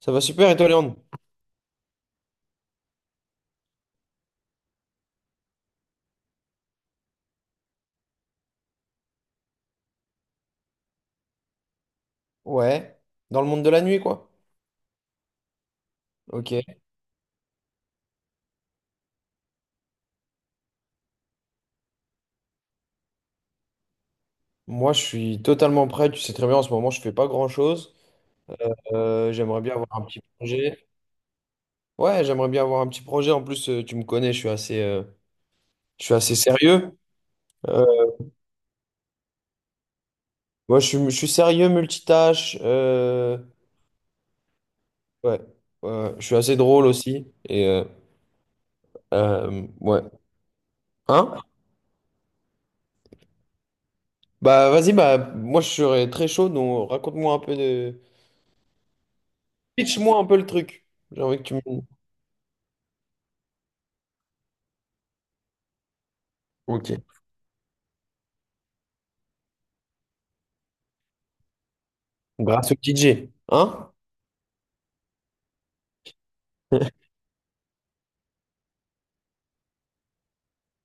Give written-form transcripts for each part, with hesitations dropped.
Ça va super, et toi, Léandre? Ouais. Dans le monde de la nuit, quoi. Ok. Moi, je suis totalement prêt. Tu sais très bien, en ce moment, je fais pas grand-chose. J'aimerais bien avoir un petit projet. Ouais, j'aimerais bien avoir un petit projet. En plus, tu me connais, je suis assez sérieux. Euh, Moi, je suis sérieux, multitâche. Ouais. Ouais. Je suis assez drôle aussi. Et ouais. Hein? Bah, vas-y, bah, moi, je serais très chaud. Donc, raconte-moi un peu de. Pitch-moi un peu le truc. J'ai envie que tu me. Ok. Grâce au DJ. Hein?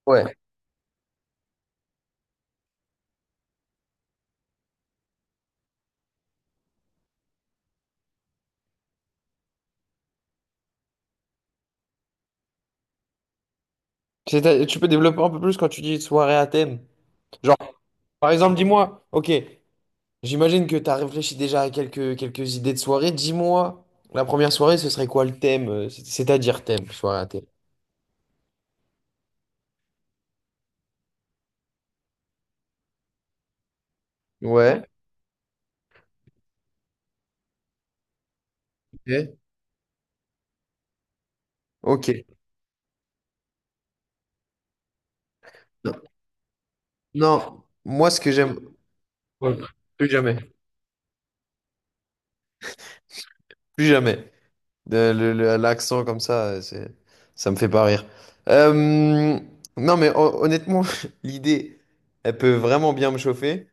Ouais. Tu peux développer un peu plus quand tu dis soirée à thème. Genre, par exemple, dis-moi, ok, j'imagine que tu as réfléchi déjà à quelques idées de soirée. Dis-moi, la première soirée, ce serait quoi le thème? C'est-à-dire thème, soirée à thème. Ouais. Ok. Ok. Non, non, moi, ce que j'aime. Ouais, plus jamais. Plus jamais. L'accent comme ça, ça me fait pas rire. Euh, non, mais honnêtement, l'idée, elle peut vraiment bien me chauffer.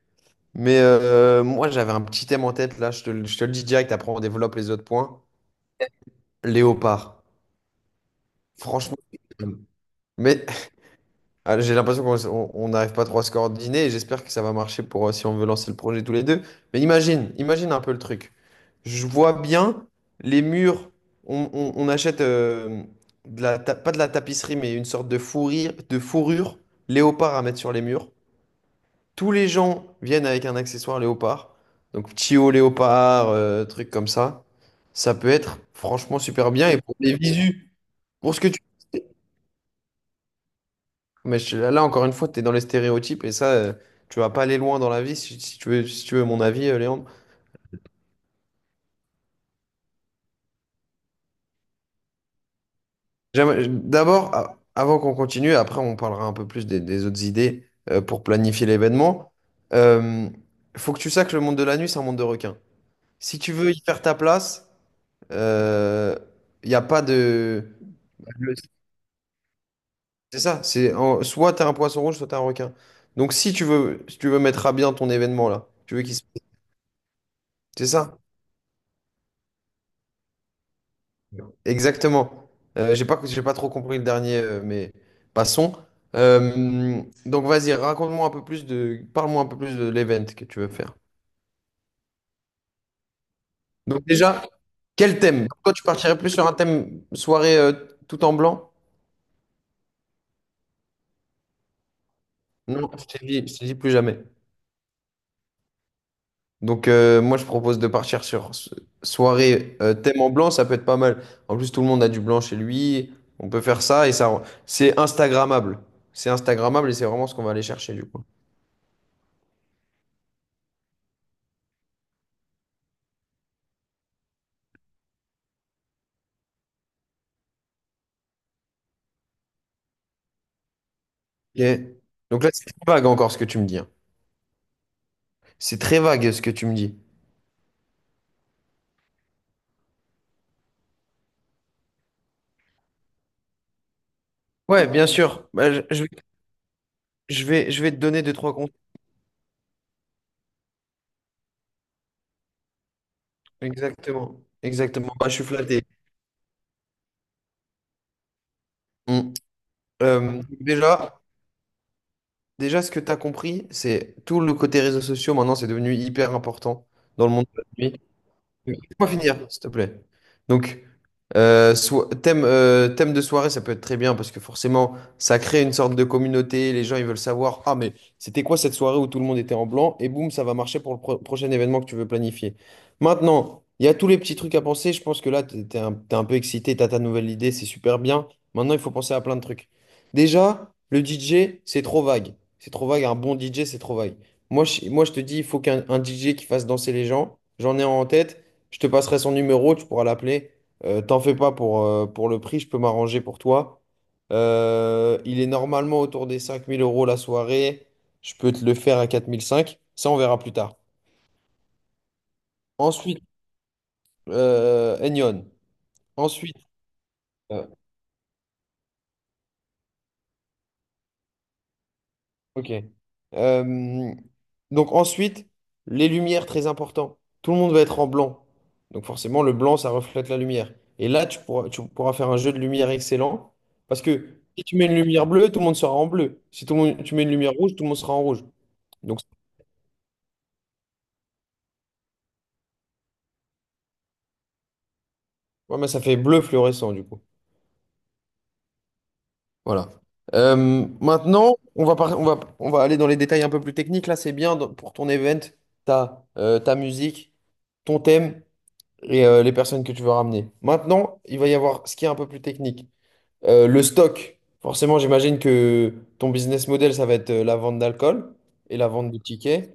Mais moi, j'avais un petit thème en tête, là, je te le dis direct, après on développe les autres points. Léopard. Franchement, mais ah, j'ai l'impression qu'on on n'arrive pas trop à se coordonner et j'espère que ça va marcher pour si on veut lancer le projet tous les deux. Mais imagine, imagine un peu le truc. Je vois bien les murs, on achète pas de la tapisserie, mais une sorte de fourrure, léopard à mettre sur les murs. Tous les gens viennent avec un accessoire léopard. Donc, Tio léopard, truc comme ça. Ça peut être franchement super bien. Et pour les visus, pour ce que tu... Mais là, encore une fois, tu es dans les stéréotypes et ça, tu vas pas aller loin dans la vie si tu veux mon avis, Léandre. D'abord, avant qu'on continue, après, on parlera un peu plus des autres idées pour planifier l'événement. Euh, Faut que tu saches que le monde de la nuit, c'est un monde de requins. Si tu veux y faire ta place, il n'y a pas de... Le- C'est ça, soit t'as un poisson rouge, soit t'as un requin. Donc si tu veux mettre à bien ton événement là, tu veux qu'il se... C'est ça? Exactement. J'ai pas trop compris le dernier, mais passons. Donc vas-y, raconte-moi un peu plus de, parle-moi un peu plus de l'event que tu veux faire. Donc déjà, quel thème? Toi, tu partirais plus sur un thème soirée tout en blanc? Non, je t'ai dit plus jamais. Donc, moi, je propose de partir sur soirée thème en blanc, ça peut être pas mal. En plus, tout le monde a du blanc chez lui. On peut faire ça et ça, c'est Instagrammable. C'est Instagrammable et c'est vraiment ce qu'on va aller chercher du coup. Ok. Donc là, c'est très vague encore ce que tu me dis. Hein. C'est très vague ce que tu me dis. Ouais, bien sûr. Bah, je vais te donner deux, trois comptes. Exactement. Exactement. Bah, je suis flatté. Mm. Euh, déjà, déjà, ce que tu as compris, c'est tout le côté réseaux sociaux, maintenant, c'est devenu hyper important dans le monde. De la nuit. Laisse-moi finir, s'il te plaît. Donc, thème de soirée, ça peut être très bien parce que forcément, ça crée une sorte de communauté. Les gens, ils veulent savoir, ah, mais c'était quoi cette soirée où tout le monde était en blanc? Et boum, ça va marcher pour le prochain événement que tu veux planifier. Maintenant, il y a tous les petits trucs à penser. Je pense que là, t'es un peu excité, t'as ta nouvelle idée, c'est super bien. Maintenant, il faut penser à plein de trucs. Déjà, le DJ, c'est trop vague. C'est trop vague. Un bon DJ, c'est trop vague. Moi, je te dis, il faut qu'un un DJ qui fasse danser les gens. J'en ai un en tête. Je te passerai son numéro, tu pourras l'appeler. T'en fais pas pour le prix, je peux m'arranger pour toi. Il est normalement autour des 5 000 € la soirée. Je peux te le faire à 4005. Ça, on verra plus tard. Ensuite, Enyon. Ensuite, euh, Ok. Euh, donc ensuite, les lumières, très important. Tout le monde va être en blanc. Donc forcément, le blanc, ça reflète la lumière. Et là, tu pourras faire un jeu de lumière excellent. Parce que si tu mets une lumière bleue, tout le monde sera en bleu. Si tu mets une lumière rouge, tout le monde sera en rouge. Donc ouais, mais ça fait bleu fluorescent du coup. Voilà. Maintenant, on va, par- on va aller dans les détails un peu plus techniques. Là, c'est bien pour ton event, ta musique, ton thème. Et les personnes que tu veux ramener. Maintenant, il va y avoir ce qui est un peu plus technique. Le stock. Forcément, j'imagine que ton business model, ça va être la vente d'alcool et la vente de tickets.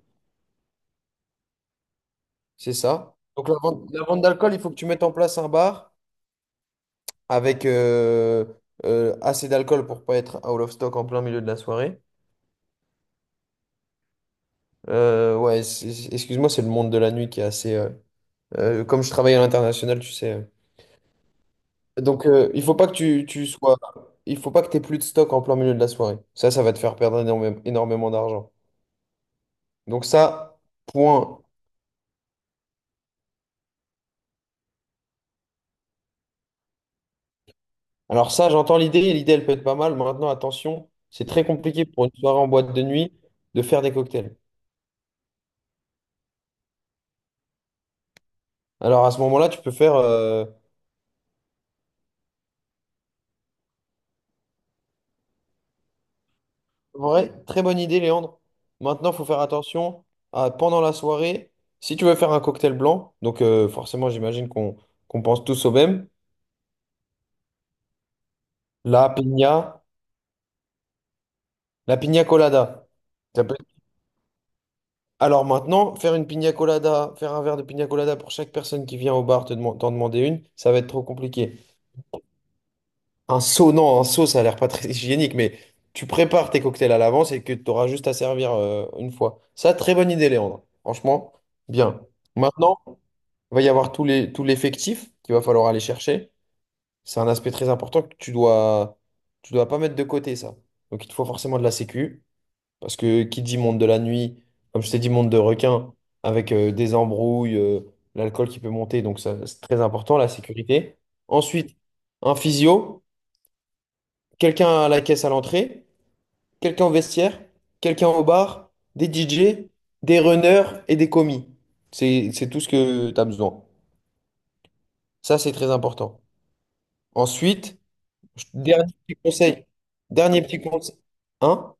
C'est ça. Donc la vente d'alcool, il faut que tu mettes en place un bar avec assez d'alcool pour pas être out of stock en plein milieu de la soirée. Ouais, excuse-moi, c'est le monde de la nuit qui est assez... comme je travaille à l'international, tu sais. Donc, il faut pas que tu sois. Il faut pas que tu aies plus de stock en plein milieu de la soirée. Ça va te faire perdre énormément d'argent. Donc, ça, point. Alors, ça, j'entends l'idée. L'idée, elle peut être pas mal. Maintenant, attention, c'est très compliqué pour une soirée en boîte de nuit de faire des cocktails. Alors, à ce moment-là, tu peux faire. Vrai, très bonne idée, Léandre. Maintenant, il faut faire attention à, pendant la soirée. Si tu veux faire un cocktail blanc, donc forcément, j'imagine qu'on pense tous au même, la piña, la piña colada. Alors maintenant, faire un verre de pina colada pour chaque personne qui vient au bar t'en demander une, ça va être trop compliqué. Un seau, non, un seau, ça a l'air pas très hygiénique, mais tu prépares tes cocktails à l'avance et que tu auras juste à servir une fois. Ça, très bonne idée, Léandre. Franchement, bien. Maintenant, il va y avoir tout l'effectif qu'il va falloir aller chercher. C'est un aspect très important que tu dois pas mettre de côté, ça. Donc il te faut forcément de la sécu. Parce que qui dit monde de la nuit, comme je t'ai dit, monde de requin, avec des embrouilles, l'alcool qui peut monter, donc ça, c'est très important, la sécurité. Ensuite, un physio, quelqu'un à la caisse à l'entrée, quelqu'un au vestiaire, quelqu'un au bar, des DJ, des runners et des commis. C'est tout ce que tu as besoin. Ça, c'est très important. Ensuite, dernier petit conseil. Dernier petit conseil. Hein?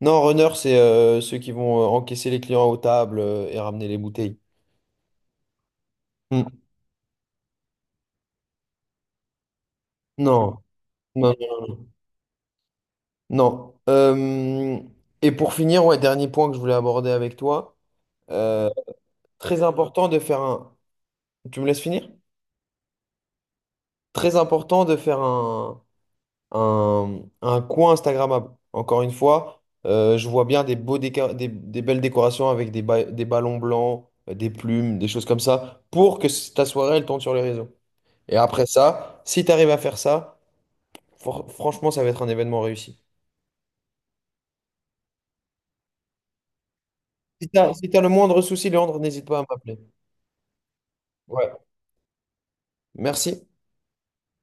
Non, runner, c'est ceux qui vont encaisser les clients aux tables et ramener les bouteilles. Mm. Non, non, non. Euh, et pour finir, ouais, dernier point que je voulais aborder avec toi. euh, Très important de faire un. Tu me laisses finir? Très important de faire un, coin Instagrammable. Encore une fois, je vois bien des belles décorations avec des ballons blancs, des plumes, des choses comme ça, pour que ta soirée, elle tourne sur les réseaux. Et après ça, si tu arrives à faire ça, franchement, ça va être un événement réussi. Si tu as, si t'as le moindre souci, Léandre, n'hésite pas à m'appeler. Ouais. Merci.